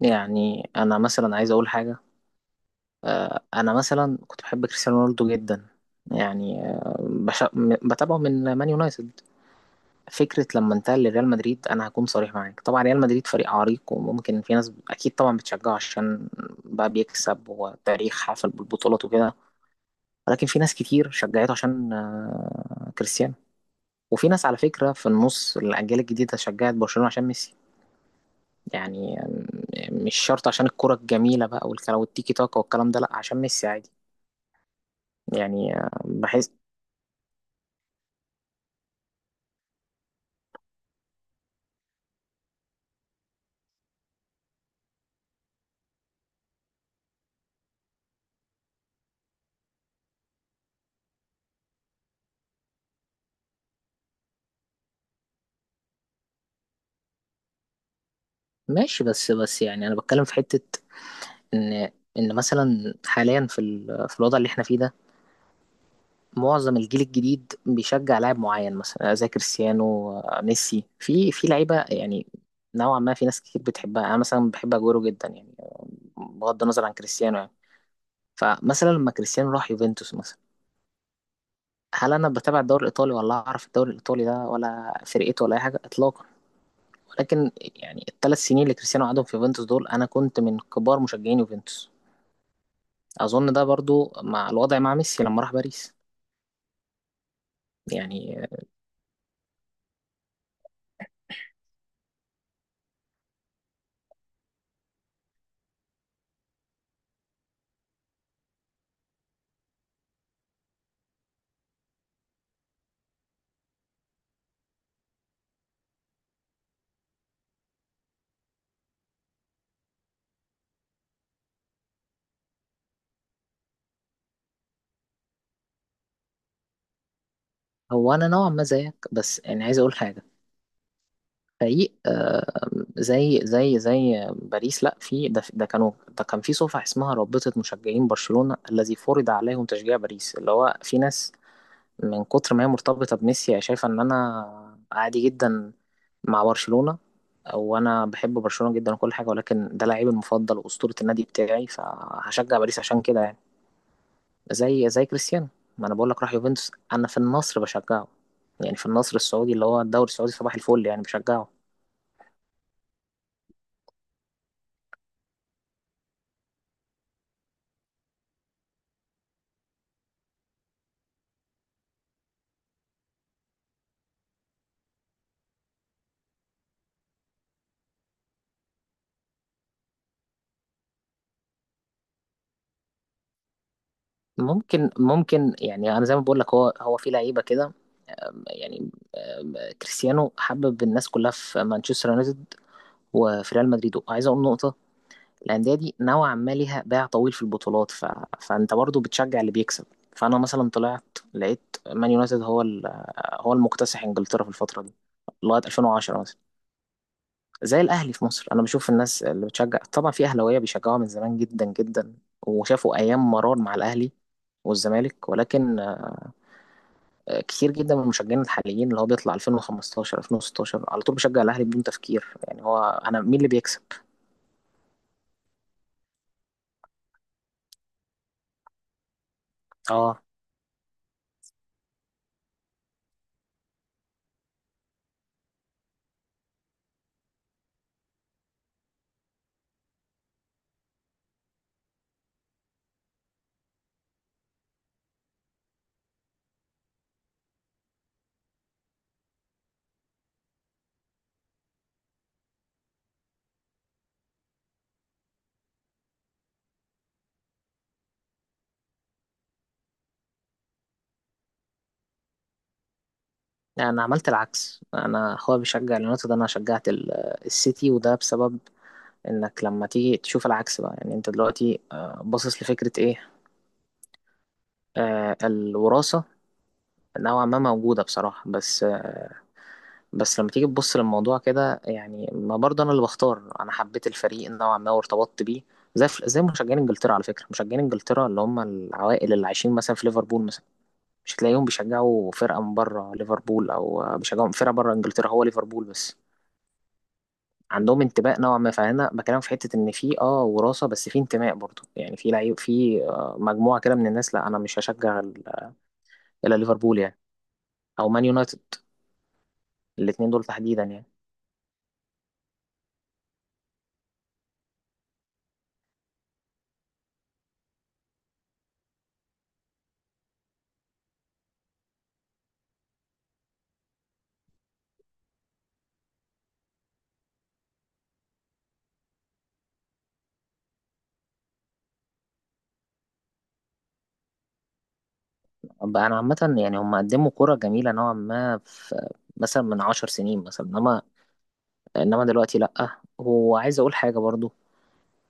يعني انا مثلا عايز اقول حاجه. انا مثلا كنت بحب كريستيانو رونالدو جدا. يعني بتابعه من مان يونايتد. فكره لما انتقل لريال مدريد، انا هكون صريح معاك، طبعا ريال مدريد فريق عريق وممكن في ناس اكيد طبعا بتشجعه عشان بقى بيكسب وتاريخ حافل بالبطولات وكده، ولكن في ناس كتير شجعته عشان كريستيانو. وفي ناس على فكره في النص الاجيال الجديده شجعت برشلونه عشان ميسي يعني، مش شرط عشان الكرة الجميلة بقى والكلام والتيكي تاكا والكلام ده، لأ عشان ميسي عادي يعني. بحس ماشي. بس يعني أنا بتكلم في حتة إن إن مثلا حاليا في الوضع اللي احنا فيه ده، معظم الجيل الجديد بيشجع لاعب معين مثلا زي كريستيانو، ميسي، في لعيبة يعني نوعا ما في ناس كتير بتحبها. أنا مثلا بحب أجويرو جدا يعني، بغض النظر عن كريستيانو يعني. فمثلا لما كريستيانو راح يوفنتوس مثلا، هل انا بتابع الدوري الايطالي ولا اعرف الدوري الايطالي ده ولا فرقته ولا اي حاجه اطلاقا؟ ولكن يعني الثلاث سنين اللي كريستيانو قعدهم في يوفنتوس دول انا كنت من كبار مشجعين يوفنتوس. اظن ده برضو مع الوضع مع ميسي لما راح باريس يعني. هو انا نوعا ما زيك، بس يعني عايز اقول حاجه. فريق زي باريس، لا في ده كان في صفحه اسمها رابطه مشجعين برشلونه الذي فرض عليهم تشجيع باريس، اللي هو في ناس من كتر ما هي مرتبطة بميسي هي شايفة إن أنا عادي جدا مع برشلونة، وأنا بحب برشلونة جدا وكل حاجة، ولكن ده لعيبي المفضل وأسطورة النادي بتاعي، فهشجع باريس عشان كده يعني. زي كريستيانو، ما أنا بقول لك راح يوفنتوس، أنا في النصر بشجعه يعني، في النصر السعودي اللي هو الدوري السعودي صباح الفل، يعني بشجعه. ممكن يعني، انا زي ما بقول لك، هو في لعيبه كده يعني. آم، كريستيانو حبب الناس كلها في مانشستر يونايتد وفي ريال مدريد. وعايز اقول نقطه، الانديه دي نوعا ما ليها باع طويل في البطولات، فانت برضو بتشجع اللي بيكسب. فانا مثلا طلعت لقيت مان يونايتد هو المكتسح انجلترا في الفتره دي لغايه 2010 مثلا. زي الاهلي في مصر، انا بشوف الناس اللي بتشجع، طبعا في اهلاويه بيشجعوها من زمان جدا جدا وشافوا ايام مرار مع الاهلي والزمالك، ولكن كتير جدا من المشجعين الحاليين اللي هو بيطلع 2015 2016 على طول بيشجع الاهلي بدون تفكير، يعني هو انا مين اللي بيكسب. اه، يعني انا عملت العكس، انا اخويا بيشجع اليونايتد، انا شجعت السيتي، وده بسبب انك لما تيجي تشوف العكس بقى. يعني انت دلوقتي باصص لفكرة ايه، الوراثة. نوعا ما موجودة بصراحة، بس بس لما تيجي تبص للموضوع كده يعني، ما برضه انا اللي بختار، انا حبيت الفريق نوعا ما وارتبطت بيه. زي مشجعين انجلترا، على فكرة مشجعين انجلترا اللي هم العوائل اللي عايشين مثلا في ليفربول مثلا، مش هتلاقيهم بيشجعوا فرقة من بره ليفربول او بيشجعوا فرقة بره انجلترا، هو ليفربول بس عندهم انتماء نوعا ما. فانا بكلمك في حته ان في وراثه، بس في انتماء برضه يعني، في لعيب، في مجموعه كده من الناس، لا انا مش هشجع الا ليفربول يعني، او مان يونايتد، الاثنين دول تحديدا يعني. بقى انا عامه يعني هم قدموا كره جميله نوعا ما في مثلا من عشر سنين مثلا، انما دلوقتي لا. وعايز اقول حاجه برضه،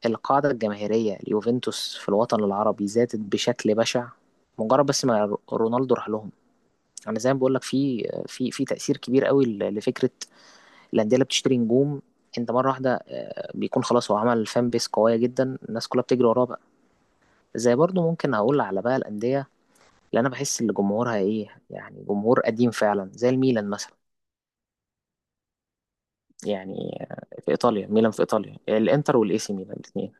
القاعده الجماهيريه اليوفنتوس في الوطن العربي زادت بشكل بشع مجرد بس ما رونالدو راح لهم. انا زي ما بقول لك في في تأثير كبير قوي لفكرة الانديه اللي بتشتري نجوم. انت مره واحده بيكون خلاص، هو عمل فان بيس قويه جدا الناس كلها بتجري وراه بقى. زي برضو ممكن اقول على بقى الانديه اللي انا بحس ان جمهورها ايه، يعني جمهور قديم فعلا، زي الميلان مثلا. يعني في ايطاليا، ميلان، في ايطاليا الانتر والاي سي ميلان، الاثنين.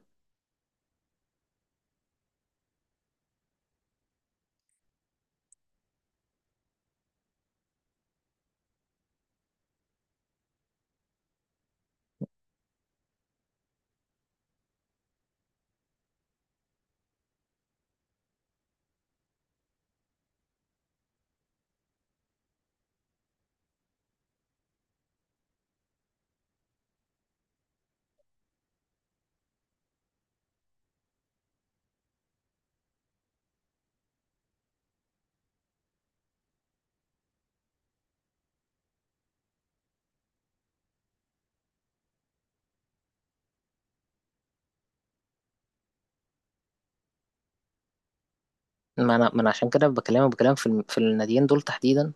ما انا عشان كده بكلمك بكلام في في الناديين دول تحديدا.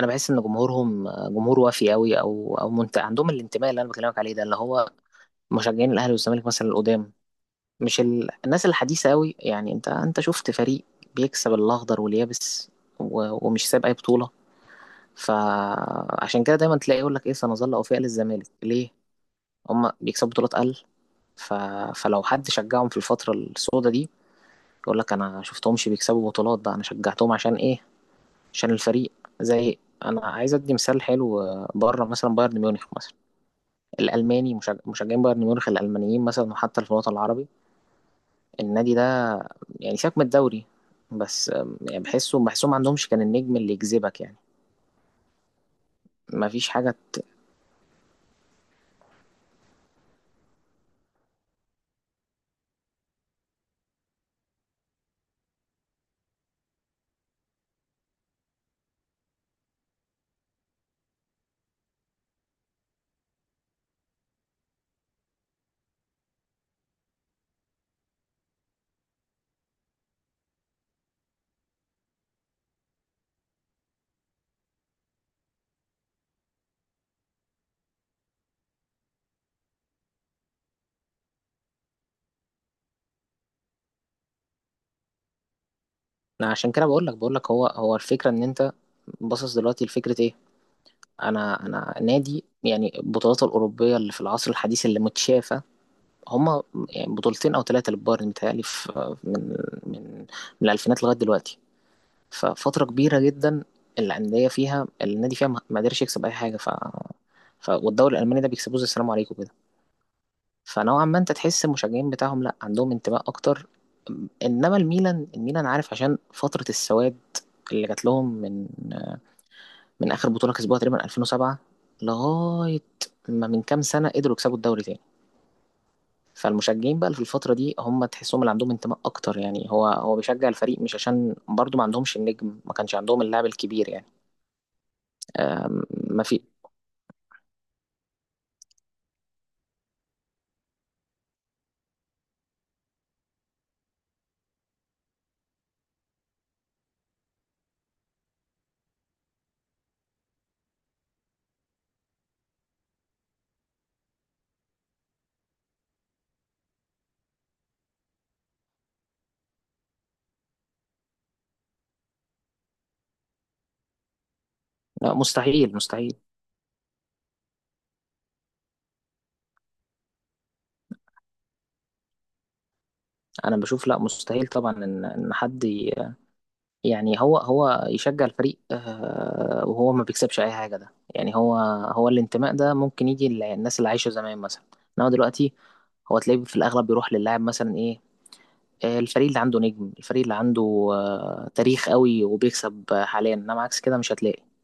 انا بحس ان جمهورهم جمهور وافي قوي، عندهم الانتماء اللي انا بكلمك عليه ده، اللي هو مشجعين الاهلي والزمالك مثلا القدام، مش الناس الحديثة أوي، يعني أنت شفت فريق بيكسب الأخضر واليابس، ومش ساب أي بطولة. فعشان كده دايما تلاقي يقول لك إيه، سنظل أوفياء للزمالك ليه؟ هما بيكسبوا بطولات أقل، ف... فلو حد شجعهم في الفترة السوداء دي يقول لك أنا شفتهمش بيكسبوا بطولات بقى، أنا شجعتهم عشان إيه؟ عشان الفريق. زي، أنا عايز أدي مثال حلو، بره مثلا بايرن ميونخ مثلا، الألماني مشجعين بايرن ميونخ الألمانيين مثلا، وحتى في الوطن العربي النادي ده. يعني سيبك من الدوري، بس يعني بحسهم ما عندهمش كان النجم اللي يجذبك يعني، ما فيش حاجة. أنا عشان كده بقول لك هو الفكرة ان انت باصص دلوقتي لفكرة ايه. انا نادي يعني البطولات الأوروبية اللي في العصر الحديث اللي متشافة، هما يعني بطولتين او ثلاثة للبايرن، متهيألي في من من الألفينات لغاية دلوقتي، ففترة كبيرة جدا الأندية فيها النادي فيها ما قدرش يكسب أي حاجة، ف ف والدوري الألماني ده بيكسبوه زي السلام عليكم كده. فنوعا ما انت تحس المشجعين بتاعهم لا، عندهم انتماء اكتر. انما الميلان، عارف عشان فترة السواد اللي جات لهم من اخر بطولة كسبوها تقريبا 2007 لغاية ما من كام سنة قدروا يكسبوا الدوري تاني. فالمشجعين بقى اللي في الفترة دي هم تحسهم اللي عندهم انتماء اكتر يعني، هو بيشجع الفريق مش عشان، برضو ما عندهمش النجم، ما كانش عندهم اللاعب الكبير يعني. آم، ما في. لا مستحيل مستحيل، انا بشوف لا مستحيل طبعا ان حد يعني هو يشجع الفريق وهو ما بيكسبش اي حاجه ده، يعني هو هو الانتماء ده ممكن يجي للناس اللي عايشه زمان مثلا. انما دلوقتي هو تلاقيه في الاغلب بيروح للاعب مثلا ايه، الفريق اللي عنده نجم، الفريق اللي عنده تاريخ قوي وبيكسب، حاليا انما عكس كده مش هتلاقي